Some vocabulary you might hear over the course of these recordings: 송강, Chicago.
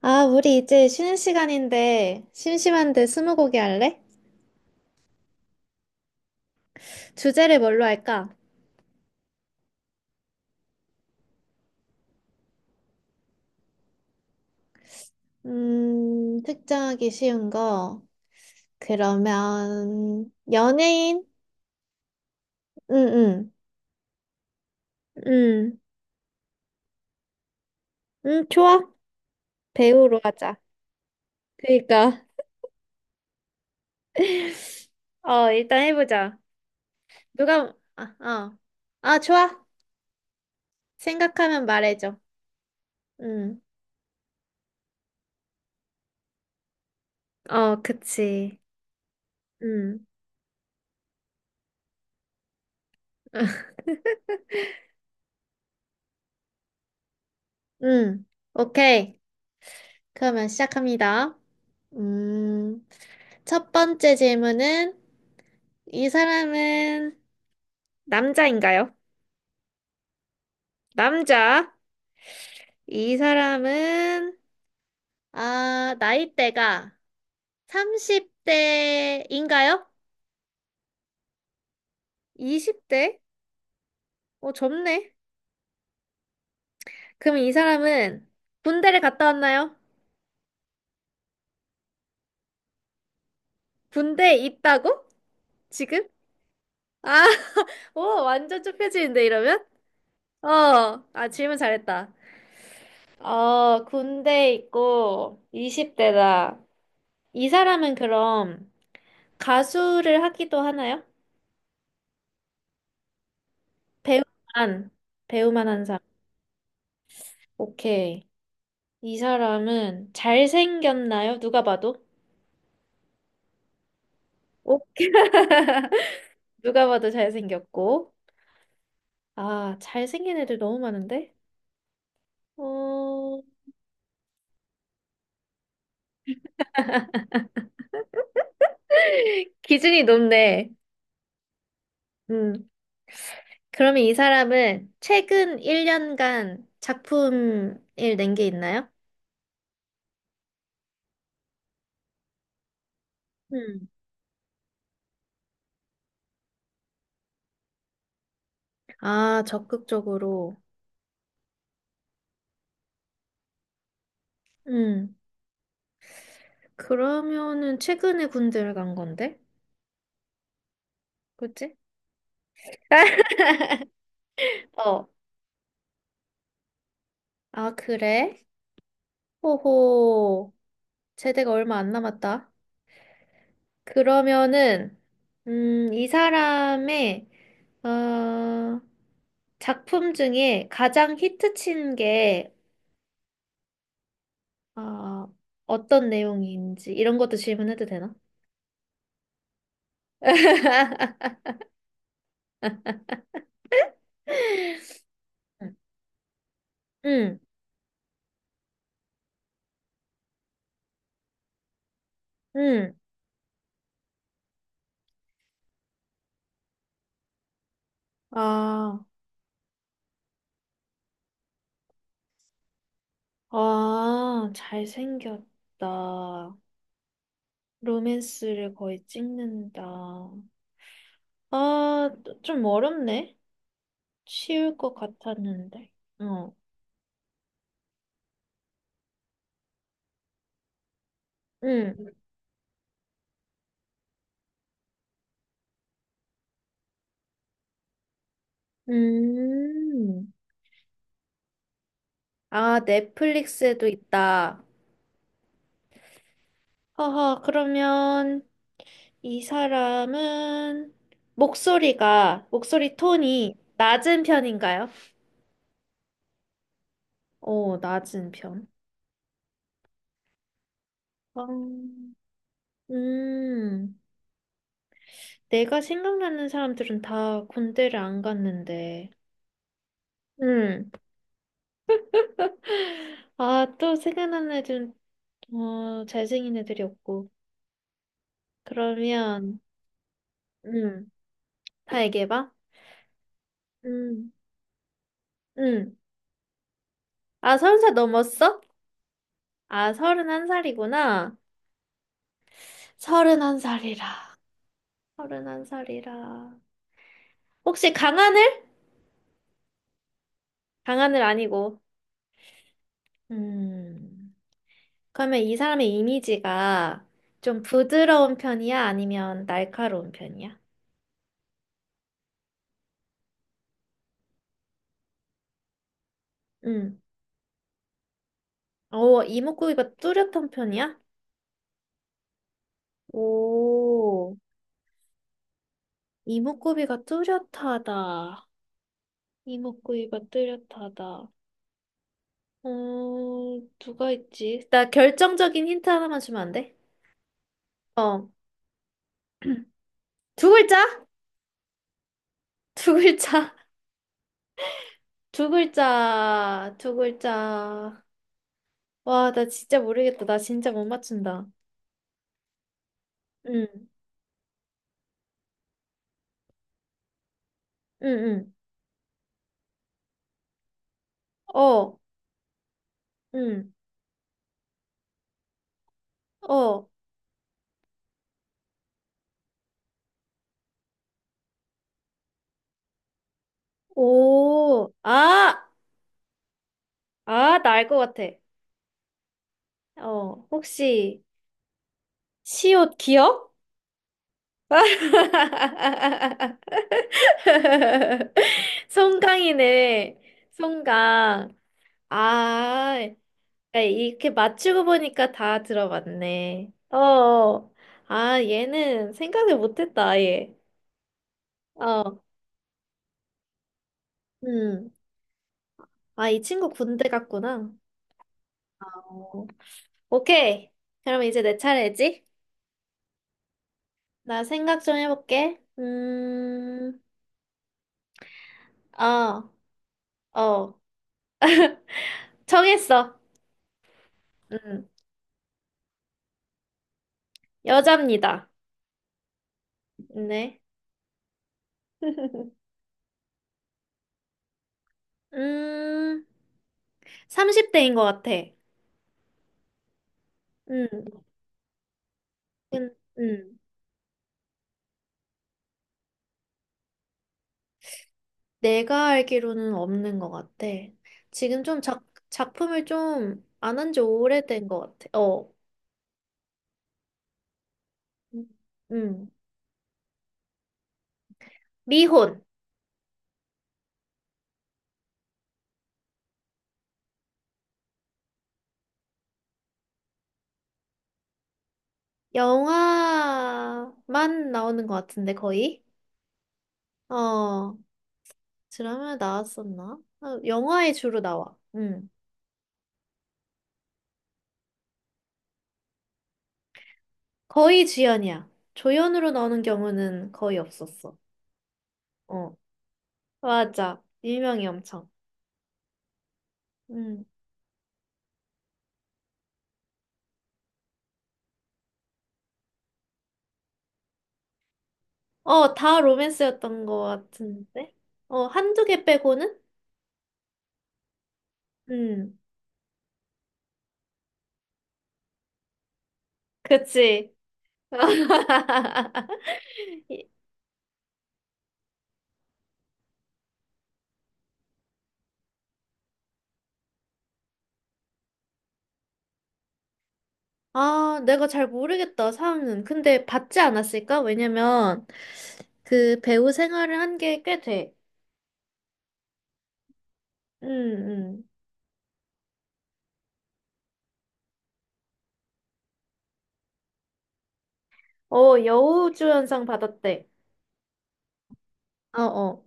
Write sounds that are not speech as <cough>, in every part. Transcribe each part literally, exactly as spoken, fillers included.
아, 우리 이제 쉬는 시간인데, 심심한데 스무고개 할래? 주제를 뭘로 할까? 음, 특정하기 쉬운 거. 그러면, 연예인? 응, 응, 응. 응, 좋아. 배우로 하자. 그니까. <laughs> 어, 일단 해보자. 누가, 아, 어. 아, 좋아. 생각하면 말해줘. 응. 어, 그치. 응. <laughs> 응. 오케이. 그러면 시작합니다. 음, 첫 번째 질문은 이 사람은 남자인가요? 남자. 이 사람은 아, 나이대가 삼십 대인가요? 이십 대? 어, 젊네. 그럼 이 사람은 군대를 갔다 왔나요? 군대에 있다고? 지금? 아, <laughs> 오, 완전 좁혀지는데 이러면? 어, 아, 질문 잘했다. 어, 군대에 있고 이십 대다. 이 사람은 그럼 가수를 하기도 하나요? 배우만, 배우만 한 사람. 오케이. 이 사람은 잘생겼나요? 누가 봐도? 오, 누가 봐도 잘생겼고. 아, 잘생긴 애들 너무 많은데? 어, <laughs> 기준이 높네. 음. 그러면 이 사람은 최근 일 년간 작품을 낸 게 있나요? 음. 아, 적극적으로. 음. 그러면은 최근에 군대를 간 건데? 그치? <laughs> 어. 아, 그래? 호호. 제대가 얼마 안 남았다. 그러면은, 음, 이 사람의, 어, 작품 중에 가장 히트 친 게, 어, 어떤 내용인지, 이런 것도 질문해도 되나? 응. 응, 응. 아, 아, 잘생겼다. 로맨스를 거의 찍는다. 아, 좀 어렵네? 쉬울 것 같았는데. 어. 응. 음. 아, 넷플릭스에도 있다. 허허, 그러면 이 사람은 목소리가, 목소리 톤이 낮은 편인가요? 오, 낮은 편. 어 음. 내가 생각나는 사람들은 다 군대를 안 갔는데. 음. 아, 또 생각나는 애들은, 어, 잘생긴 애들이었고. 그러면, 음, 다 얘기해봐. 음, 음. 아, 서른 살 넘었어? 아, 서른한 살이구나. 서른한 살이라 서른한 살이라 혹시 강하늘? 강하늘 아니고. 음. 그러면 이 사람의 이미지가 좀 부드러운 편이야? 아니면 날카로운 편이야? 음. 어, 이목구비가 뚜렷한 편이야? 오, 이목구비가 뚜렷하다. 이목구비가 뚜렷하다. 어, 누가 있지? 나 결정적인 힌트 하나만 주면 안 돼? 어. <clears throat> 두 글자? 두 글자, <laughs> 두 글자, 두 글자. 와, 나 진짜 모르겠다. 나 진짜 못 맞춘다. 응, 응, 응. 어, 응, 어, 오. 아, 아, 나 알 것 같아. 어, 혹시, 시옷 기억? <laughs> 송강이네. 송강. 아, 그러니까 이렇게 맞추고 보니까 다 들어봤네. 어, 어. 아, 얘는 생각을 못했다, 아예. 어, 음. 아, 이 친구 군대 갔구나. 어. 오케이. 그럼 이제 내 차례지? 나 생각 좀 해볼게. 음, 어, 어. 정했어. 음, 여자입니다. 네. <laughs> 음, 삼십 대인 것 같아. 음, 음. 음. 내가 알기로는 없는 것 같아. 지금 좀 작, 작품을 좀 안 한지 오래된 것 같아. 어, 음. 미혼. 영화만 나오는 것 같은데, 거의? 어, 드라마 나왔었나? 어, 영화에 주로 나와. 음. 거의 주연이야. 조연으로 나오는 경우는 거의 없었어. 어, 맞아. 유명해, 엄청. 음. 어, 다 로맨스였던 것 같은데? 어, 한두 개 빼고는? 음. 그치? <laughs> 이- 아, 내가 잘 모르겠다, 상은. 근데 받지 않았을까? 왜냐면, 그 배우 생활을 한 게 꽤 돼. 응, 응. 어, 여우주연상 받았대. 어, 어.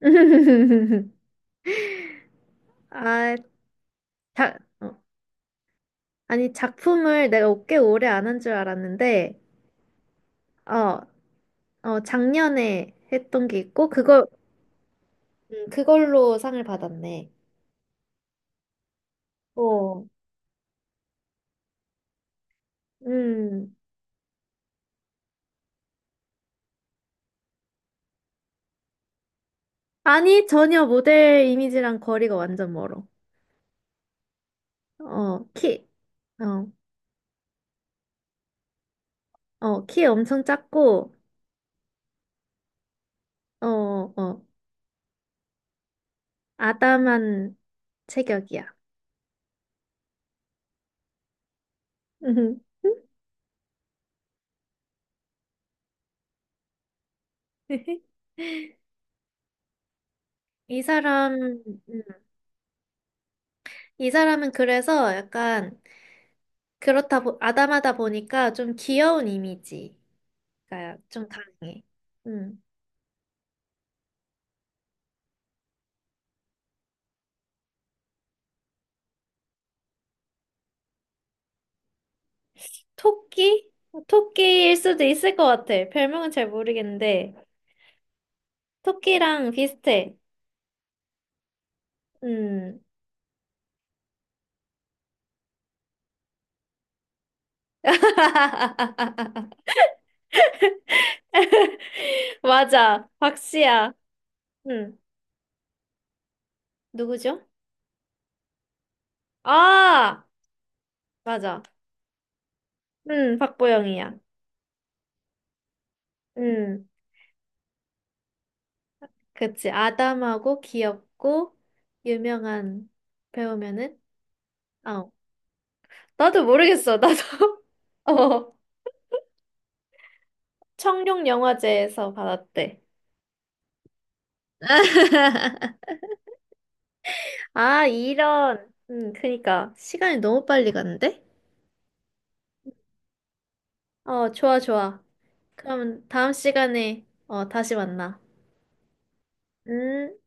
<laughs> 아, 자, 어. 아니, 작품을 내가 꽤 오래 안 한 줄 알았는데, 어, 어, 작년에 했던 게 있고, 그걸, 음, 그걸로 상을 받았네. 어, 음. 아니, 전혀 모델 이미지랑 거리가 완전 멀어. 어, 키, 어, 어, 키 엄청 작고, 어, 어, 아담한 체격이야. <laughs> 이 사람, 음, 이 사람은 그래서 약간 그렇다, 보, 아담하다 보니까 좀 귀여운 이미지가 좀 강해. 음. 토끼? 토끼일 수도 있을 것 같아. 별명은 잘 모르겠는데, 토끼랑 비슷해. 음, <laughs> 맞아. 박씨야. 응. 누구죠? 아, 맞아. 응, 박보영이야. 응. 그치. 아담하고 귀엽고 유명한 배우면은 어. 나도 모르겠어. 나도. <laughs> 어. 청룡영화제에서 받았대. <laughs> 아, 이런. 응, 그니까. 시간이 너무 빨리 갔는데? 어, 좋아, 좋아. 그럼 다음 시간에 어, 다시 만나. 음.